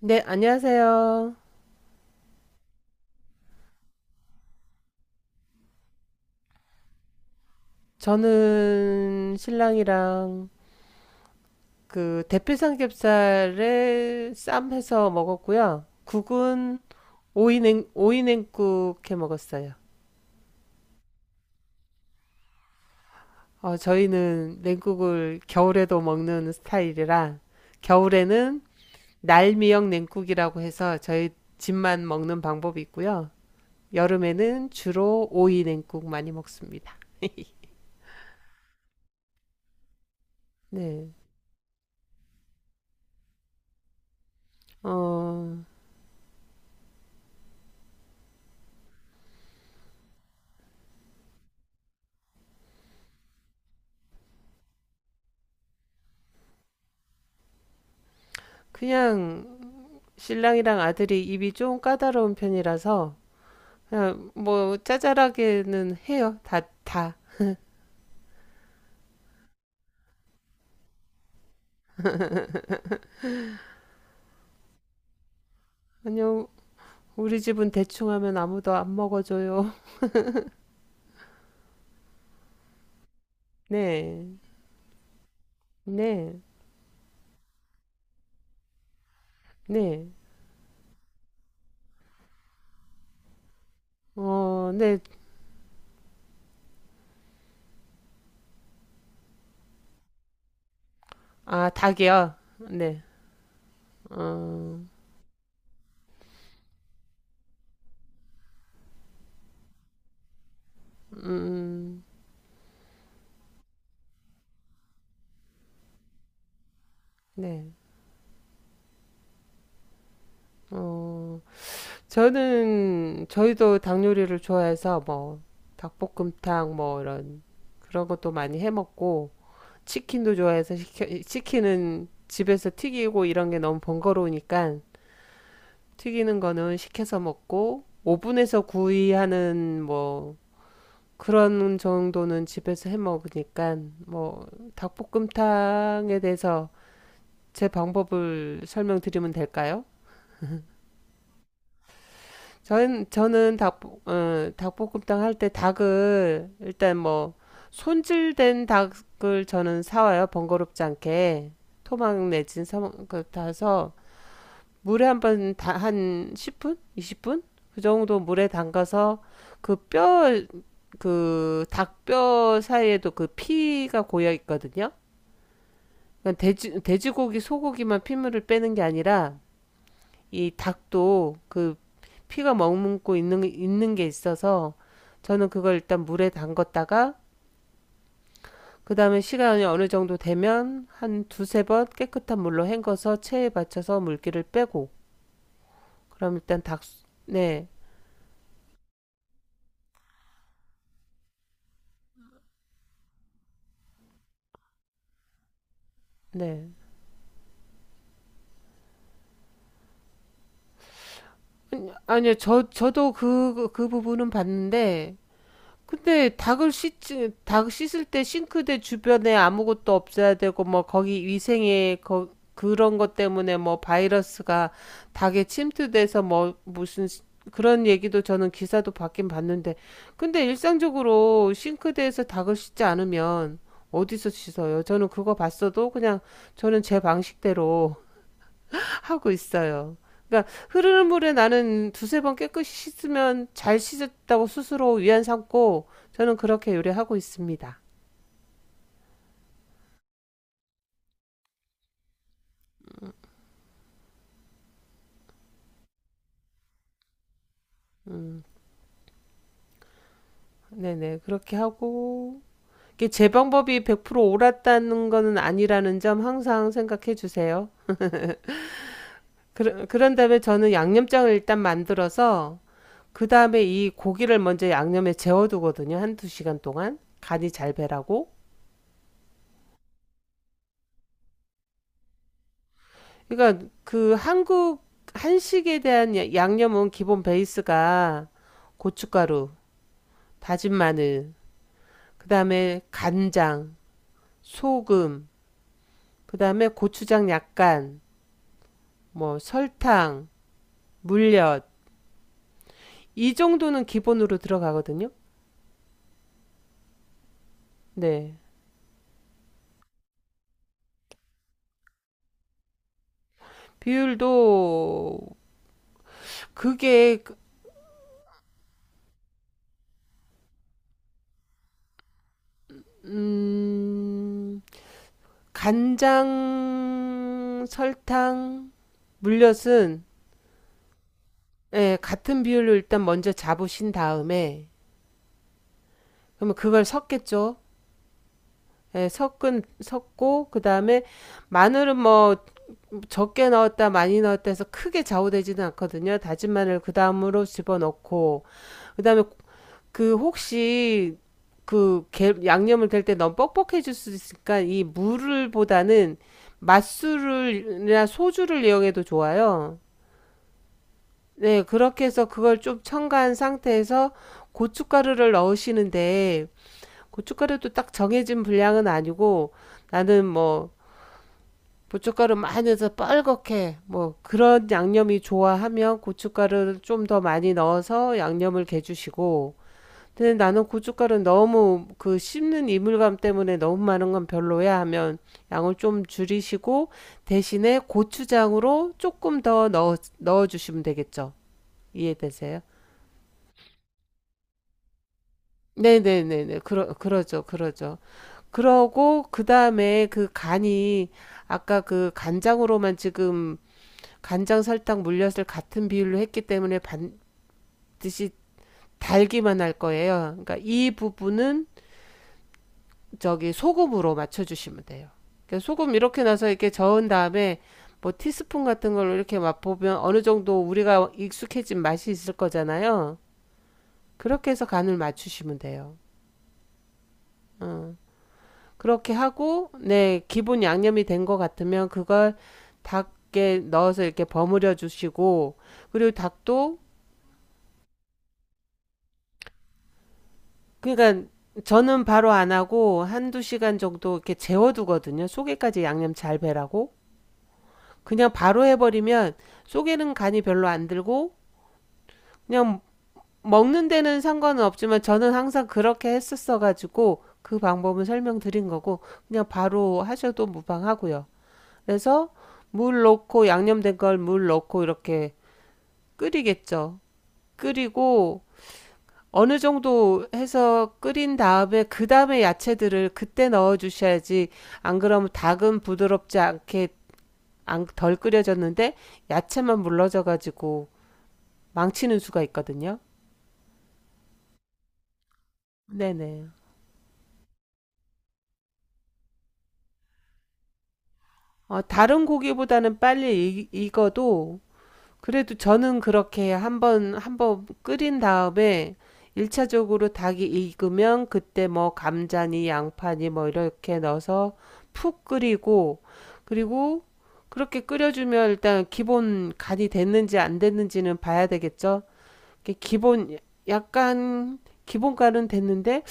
네, 안녕하세요. 저는 신랑이랑 그 대패 삼겹살에 쌈 해서 먹었고요. 국은 오이 냉국 해 먹었어요. 어, 저희는 냉국을 겨울에도 먹는 스타일이라 겨울에는 날미역 냉국이라고 해서 저희 집만 먹는 방법이 있고요. 여름에는 주로 오이 냉국 많이 먹습니다. 네. 어, 그냥 신랑이랑 아들이 입이 좀 까다로운 편이라서 그냥 뭐 짜잘하게는 해요. 다 다. 아니요. 우리 집은 대충 하면 아무도 안 먹어줘요. 네. 네. 네. 어, 네. 아, 닭이요. 네. 어. 음. 네. 어. 저는 저희도 닭 요리를 좋아해서 뭐 닭볶음탕 뭐 이런 그런 것도 많이 해 먹고 치킨은 집에서 튀기고 이런 게 너무 번거로우니까 튀기는 거는 시켜서 먹고 오븐에서 구이하는 뭐 그런 정도는 집에서 해 먹으니까 뭐 닭볶음탕에 대해서 제 방법을 설명드리면 될까요? 저는 닭 어, 닭볶음탕 할 때 닭을 일단 뭐 손질된 닭을 저는 사와요, 번거롭지 않게 토막 내진. 사, 그, 다서 물에 한번 다 한 10분? 20분? 그 정도 물에 담가서 그 뼈, 그 닭 뼈 사이에도 그 피가 고여 있거든요. 그러니까 돼지고기, 소고기만 피물을 빼는 게 아니라 이 닭도 그 피가 머금고 있는 게 있어서 저는 그걸 일단 물에 담갔다가 그 다음에 시간이 어느 정도 되면 한 두세 번 깨끗한 물로 헹궈서 체에 받쳐서 물기를 빼고 그럼 일단 닭, 네, 네. 아니요, 저도 그, 그 부분은 봤는데, 근데 닭 씻을 때 싱크대 주변에 아무것도 없어야 되고, 뭐, 거기 위생에, 거, 그런 것 때문에 뭐, 바이러스가 닭에 침투돼서 뭐, 무슨, 그런 얘기도 저는 기사도 봤긴 봤는데, 근데 일상적으로 싱크대에서 닭을 씻지 않으면 어디서 씻어요? 저는 그거 봤어도 그냥 저는 제 방식대로 하고 있어요. 그러니까 흐르는 물에 나는 두세 번 깨끗이 씻으면 잘 씻었다고 스스로 위안 삼고 저는 그렇게 요리하고 있습니다. 음, 네네. 그렇게 하고. 이게 제 방법이 100% 옳았다는 거는 아니라는 점 항상 생각해 주세요. 그, 그런 다음에 저는 양념장을 일단 만들어서 그 다음에 이 고기를 먼저 양념에 재워두거든요. 한두 시간 동안. 간이 잘 배라고. 그러니까 그 한국 한식에 대한 양념은 기본 베이스가 고춧가루, 다진 마늘, 그다음에 간장, 소금, 그다음에 고추장 약간, 뭐 설탕, 물엿 이 정도는 기본으로 들어가거든요. 네. 비율도 그게 그, 음 간장, 설탕, 물엿은 예, 같은 비율로 일단 먼저 잡으신 다음에 그러면 그걸 섞겠죠. 예, 섞은 섞고 그다음에 마늘은 뭐 적게 넣었다 많이 넣었다 해서 크게 좌우되지는 않거든요. 다진 마늘 그다음으로 집어넣고 그다음에 그 혹시 그 양념을 될 때 너무 뻑뻑해질 수 있으니까 이 물을 보다는 맛술을 이나 소주를 이용해도 좋아요. 네, 그렇게 해서 그걸 좀 첨가한 상태에서 고춧가루를 넣으시는데 고춧가루도 딱 정해진 분량은 아니고 나는 뭐 고춧가루 많이 넣어서 뻘겋게 뭐 그런 양념이 좋아하면 고춧가루를 좀 더 많이 넣어서 양념을 개주시고 근데 나는 고춧가루 너무 그 씹는 이물감 때문에 너무 많은 건 별로야 하면 양을 좀 줄이시고 대신에 고추장으로 조금 더 넣어주시면 되겠죠. 이해되세요? 네네네네. 그러죠, 그러죠. 그러고 그다음에 그 간이 아까 그 간장으로만 지금 간장 설탕 물엿을 같은 비율로 했기 때문에 반드시 달기만 할 거예요. 그러니까 이 부분은 저기 소금으로 맞춰주시면 돼요. 그러니까 소금 이렇게 넣어서 이렇게 저은 다음에 뭐 티스푼 같은 걸로 이렇게 맛보면 어느 정도 우리가 익숙해진 맛이 있을 거잖아요. 그렇게 해서 간을 맞추시면 돼요. 어. 그렇게 하고 네 기본 양념이 된 것 같으면 그걸 닭에 넣어서 이렇게 버무려 주시고 그리고 닭도 그러니까 저는 바로 안 하고 한두 시간 정도 이렇게 재워두거든요. 속에까지 양념 잘 배라고. 그냥 바로 해버리면 속에는 간이 별로 안 들고 그냥 먹는 데는 상관은 없지만 저는 항상 그렇게 했었어가지고 그 방법은 설명드린 거고 그냥 바로 하셔도 무방하고요. 그래서 물 넣고 양념된 걸 물 넣고 이렇게 끓이겠죠. 끓이고 어느 정도 해서 끓인 다음에 그 다음에 야채들을 그때 넣어 주셔야지 안 그러면 닭은 부드럽지 않게 덜 끓여졌는데 야채만 물러져 가지고 망치는 수가 있거든요. 네네. 어, 다른 고기보다는 빨리 익어도 그래도 저는 그렇게 한번 끓인 다음에 일차적으로 닭이 익으면 그때 뭐 감자니 양파니 뭐 이렇게 넣어서 푹 끓이고 그리고 그렇게 끓여주면 일단 기본 간이 됐는지 안 됐는지는 봐야 되겠죠. 이게 기본 약간 기본 간은 됐는데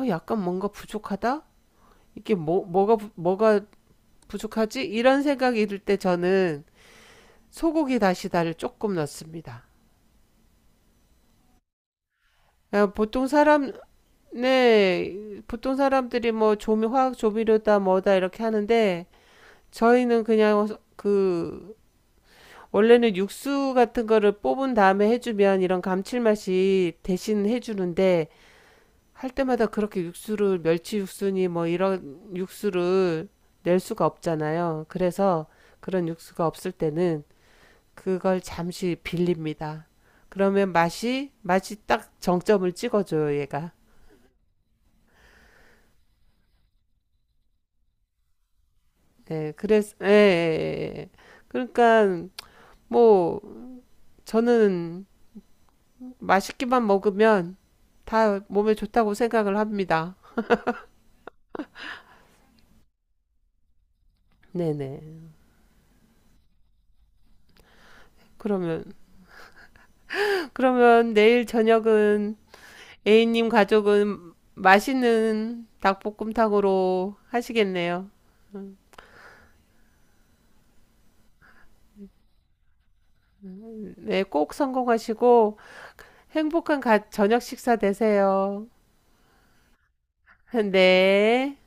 어, 약간 뭔가 부족하다. 이게 뭐 뭐가 부족하지? 이런 생각이 들 때 저는 소고기 다시다를 조금 넣습니다. 어, 네, 보통 사람들이 뭐 조미, 화학 조미료다 뭐다 이렇게 하는데 저희는 그냥 그, 원래는 육수 같은 거를 뽑은 다음에 해주면 이런 감칠맛이 대신 해주는데 할 때마다 그렇게 멸치 육수니 뭐 이런 육수를 낼 수가 없잖아요. 그래서 그런 육수가 없을 때는 그걸 잠시 빌립니다. 그러면 맛이 딱 정점을 찍어줘요, 얘가. 네, 그래서 예, 예, 예. 예. 그러니까 뭐 저는 맛있기만 먹으면 다 몸에 좋다고 생각을 합니다. 네네. 그러면 그러면 내일 저녁은 A님 가족은 맛있는 닭볶음탕으로 하시겠네요. 음, 네, 꼭 성공하시고 행복한 저녁 식사 되세요. 네.